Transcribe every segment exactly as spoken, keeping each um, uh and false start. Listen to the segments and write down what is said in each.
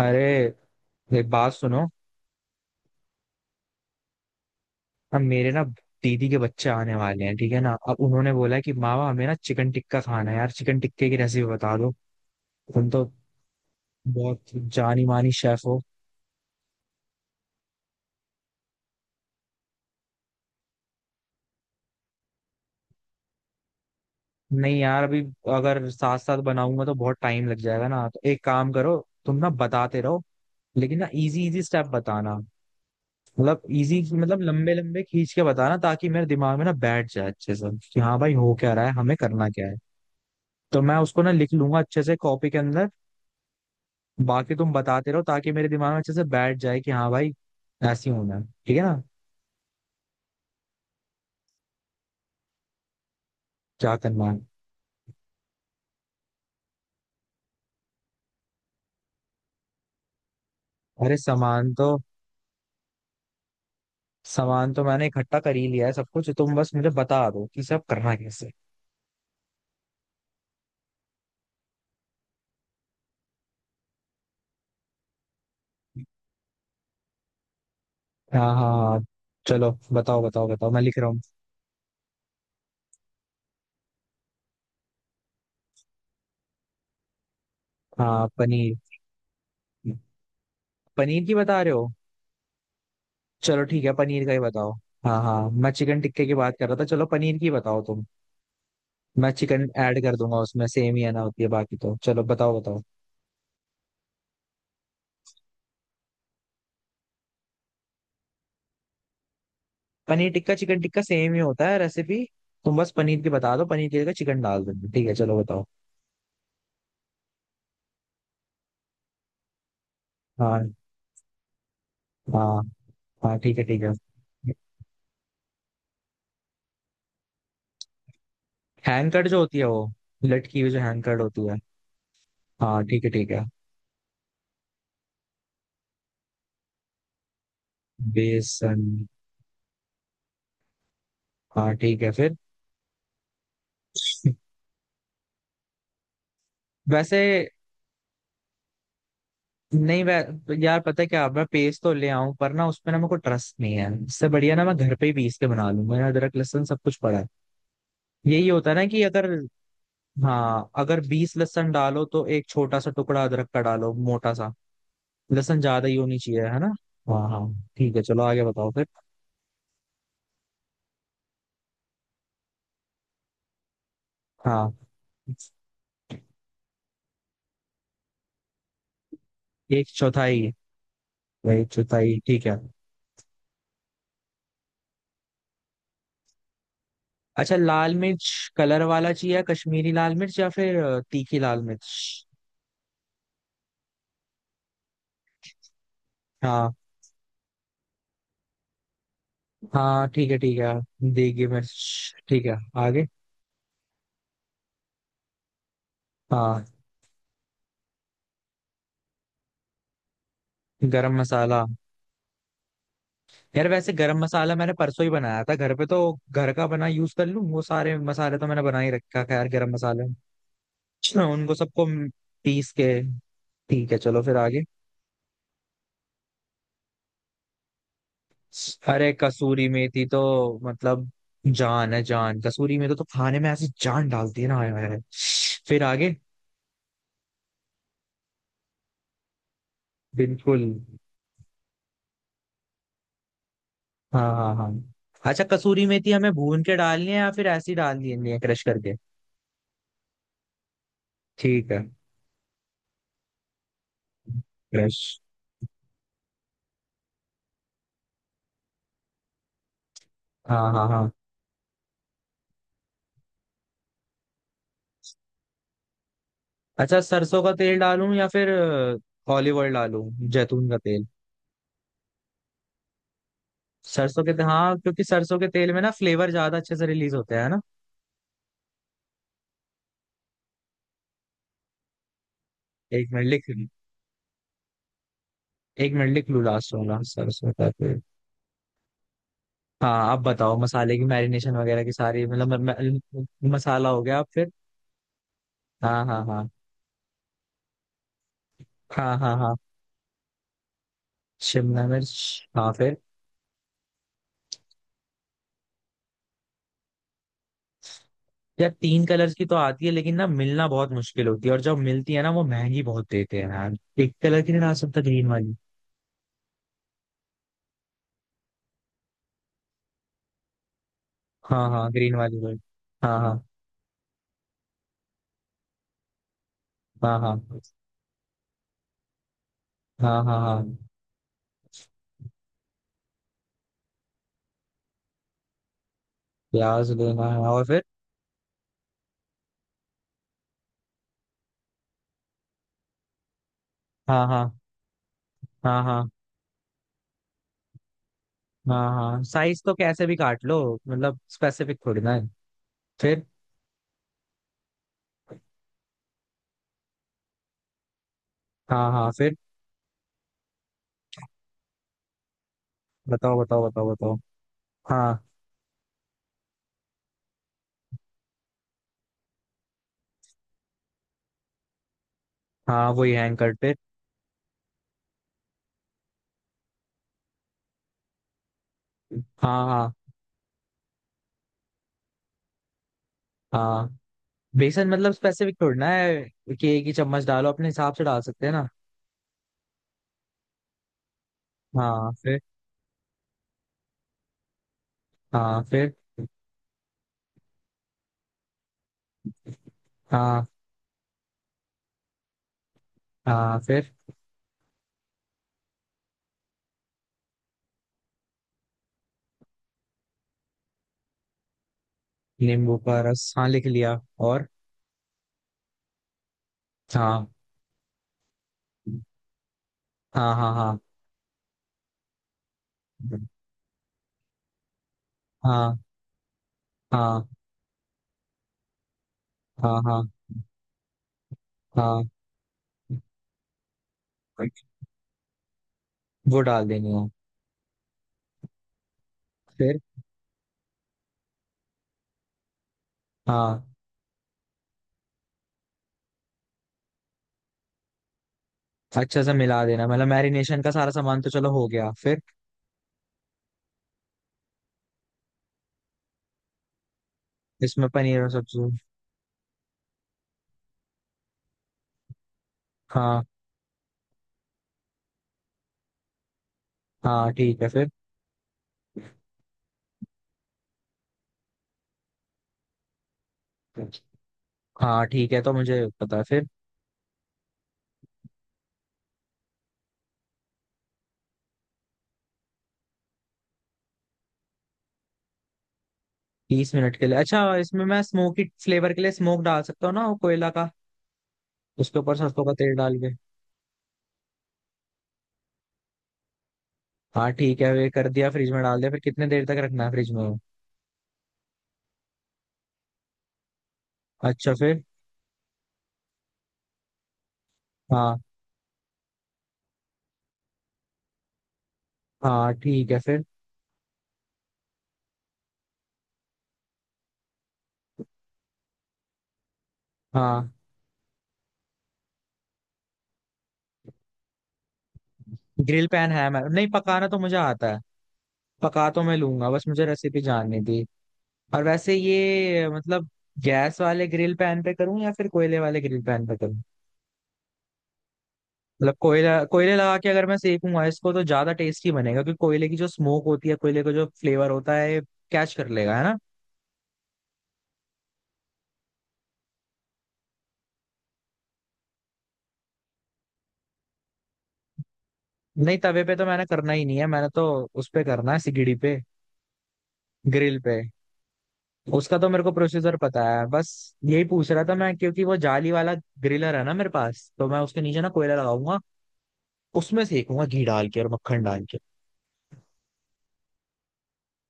अरे, एक बात सुनो। अब मेरे ना दीदी के बच्चे आने वाले हैं, ठीक है ना। अब उन्होंने बोला है कि मामा हमें ना चिकन टिक्का खाना है यार, चिकन टिक्के की रेसिपी बता दो। तुम तो बहुत जानी मानी शेफ हो। नहीं यार, अभी अगर साथ साथ बनाऊंगा तो बहुत टाइम लग जाएगा ना, तो एक काम करो, तुम ना बताते रहो, लेकिन ना इजी इजी स्टेप बताना। मतलब इजी मतलब लंबे लंबे खींच के बताना ताकि मेरे दिमाग में ना बैठ जाए अच्छे से कि हाँ भाई, हो क्या रहा है, हमें करना क्या है। तो मैं उसको ना लिख लूंगा अच्छे से कॉपी के अंदर। बाकी तुम बताते रहो ताकि मेरे दिमाग में अच्छे से बैठ जाए कि हाँ भाई, ऐसी होना है, ठीक है ना। क्या करना है? अरे, सामान तो सामान तो मैंने इकट्ठा कर ही लिया है सब कुछ। तुम बस मुझे बता दो कि सब करना कैसे है। हाँ, हाँ, हाँ, चलो बताओ, बताओ, बताओ, मैं लिख रहा हूँ। हाँ पनीर। पनीर की बता रहे हो? चलो ठीक है, पनीर का ही बताओ। हाँ हाँ, मैं चिकन टिक्के की बात कर रहा था। चलो पनीर की बताओ तुम। मैं चिकन ऐड कर दूंगा उसमें। सेम ही है ना होती है बाकी तो। चलो बताओ, बताओ। पनीर टिक्का चिकन टिक्का सेम ही होता है रेसिपी। तुम बस पनीर की बता दो, पनीर की जगह चिकन डाल दो, ठीक है चलो बताओ। हाँ, हाँ, हाँ ठीक है, ठीक है। हैंग कर्ड जो होती है, वो लटकी हुई जो हैंग कर्ड होती है। हाँ ठीक है, ठीक है। बेसन, हाँ ठीक है फिर। वैसे नहीं, वै, यार पता है क्या, मैं पेस्ट तो ले आऊं पर ना उसमें ना मेरे को ट्रस्ट नहीं है। इससे बढ़िया ना मैं घर पे ही पीस के बना लूंगा, यहाँ अदरक लहसुन सब कुछ पड़ा है। यही होता है ना कि अगर। हाँ, अगर बीस लहसुन डालो तो एक छोटा सा टुकड़ा अदरक का डालो, मोटा सा। लहसुन ज्यादा ही होनी चाहिए, है ना। हाँ हाँ ठीक है, चलो आगे बताओ फिर। हाँ एक चौथाई, एक चौथाई ठीक है। अच्छा लाल मिर्च, कलर वाला चाहिए कश्मीरी लाल मिर्च या फिर अ, तीखी लाल मिर्च? हाँ हाँ ठीक है, ठीक है। देगी मिर्च ठीक है। आगे। हाँ गरम मसाला, यार वैसे गरम मसाला मैंने परसों ही बनाया था घर पे तो। घर का बना यूज कर लूँ, वो सारे मसाले तो मैंने बना ही रखा खैर गरम मसाले। उनको सबको पीस के। ठीक है चलो फिर आगे। अरे कसूरी मेथी तो मतलब जान है जान, कसूरी मेथी तो खाने में ऐसी जान डालती है ना, आया है। फिर आगे। बिल्कुल। हाँ, हाँ, हाँ। अच्छा कसूरी मेथी हमें भून के डालनी है या फिर ऐसी डालनी है क्रश करके? ठीक है। क्रश। हाँ, हाँ, हाँ। अच्छा सरसों का तेल डालूं या फिर ऑलिव ऑयल डालूं, जैतून का तेल? सरसों के, हाँ क्योंकि सरसों के तेल में ना फ्लेवर ज्यादा अच्छे से रिलीज होता है ना। एक मिनट लिख, एक मिनट लिख लूँ लास्ट वाला सरसों का तेल। हाँ आप बताओ, मसाले की मैरिनेशन वगैरह की सारी मतलब म- म- मसाला हो गया आप फिर। हाँ, हाँ, हाँ, हाँ, हाँ, हाँ। शिमला मिर्च, हाँ फिर। यार तीन कलर्स की तो आती है लेकिन ना मिलना बहुत मुश्किल होती है, और जब मिलती है ना वो महंगी बहुत देते हैं यार। एक कलर की नहीं ला सकता, ग्रीन वाली। हाँ हाँ, ग्रीन वाली भी। हाँ, हाँ, हाँ, हाँ, हाँ, हाँ, हाँ। प्याज लेना है और फिर? हाँ, हाँ, हाँ, हाँ, हाँ, हाँ साइज तो कैसे भी काट लो, मतलब स्पेसिफिक थोड़ी ना है। फिर। हाँ, हाँ फिर। बताओ, बताओ, बताओ, बताओ। हाँ, हाँ वही हैंग करते। हाँ, हाँ, हाँ बेसन मतलब स्पेसिफिक थोड़ना है कि एक ही चम्मच डालो, अपने हिसाब से डाल सकते हैं ना। हाँ फिर। हाँ फिर। हाँ, हाँ फिर। नींबू का रस, हाँ लिख लिया। और। हाँ, हाँ, हाँ, हाँ, हाँ, हाँ, हाँ, हाँ, हाँ वो डाल देनी है। फिर। हाँ अच्छा सा मिला देना, मतलब मैरिनेशन का सारा सामान तो चलो हो गया फिर। इसमें पनीर और सब्जी। हाँ, हाँ ठीक है फिर। हाँ ठीक है, तो मुझे पता है फिर। तीस मिनट के लिए, अच्छा इसमें मैं स्मोकी फ्लेवर के लिए स्मोक डाल सकता हूँ ना, वो कोयला का। उसके ऊपर सरसों का तेल डाल के। हाँ ठीक है, वे कर दिया फ्रिज में डाल दिया, फिर कितने देर तक रखना है फ्रिज में वो? अच्छा फिर। हाँ, हाँ ठीक है फिर। हाँ, ग्रिल पैन है, मैं नहीं पकाना तो मुझे आता है। पका तो मैं लूंगा, बस मुझे रेसिपी जाननी थी। और वैसे ये मतलब गैस वाले ग्रिल पैन पे करूँ या फिर कोयले वाले ग्रिल पैन पे? मतलब कोयला, कोयले लगा के अगर मैं सेकूंगा इसको तो ज्यादा टेस्टी बनेगा, क्योंकि कोयले की जो स्मोक होती है, कोयले का जो फ्लेवर होता है, कैच कर लेगा, है ना। नहीं तवे पे तो मैंने करना ही नहीं है, मैंने तो उस पे करना है, सिगड़ी पे। ग्रिल पे। उसका तो मेरे को प्रोसीजर पता है, बस यही पूछ रहा था मैं। क्योंकि वो जाली वाला ग्रिलर है ना मेरे पास, तो मैं उसके नीचे ना कोयला लगाऊंगा, उसमें सेकूंगा घी डाल के और मक्खन डाल के।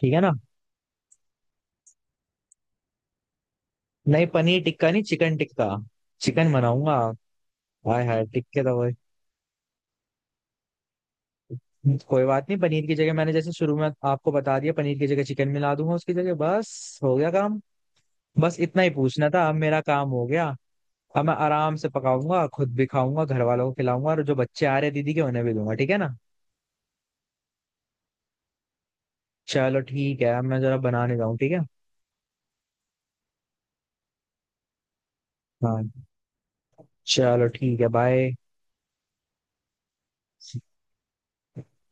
ठीक है ना। नहीं पनीर टिक्का नहीं, चिकन टिक्का, चिकन बनाऊंगा। हाय हाय टिक्के तो। कोई बात नहीं, पनीर की जगह मैंने जैसे शुरू में आपको बता दिया, पनीर की जगह चिकन मिला दूंगा उसकी जगह, बस हो गया काम। बस इतना ही पूछना था, अब मेरा काम हो गया। अब मैं आराम से पकाऊंगा, खुद भी खाऊंगा, घर वालों को खिलाऊंगा, और जो बच्चे आ रहे हैं दीदी के उन्हें भी दूंगा, ठीक है ना। चलो ठीक है, अब मैं जरा बनाने जाऊँ, ठीक है। हाँ, चलो ठीक है, बाय।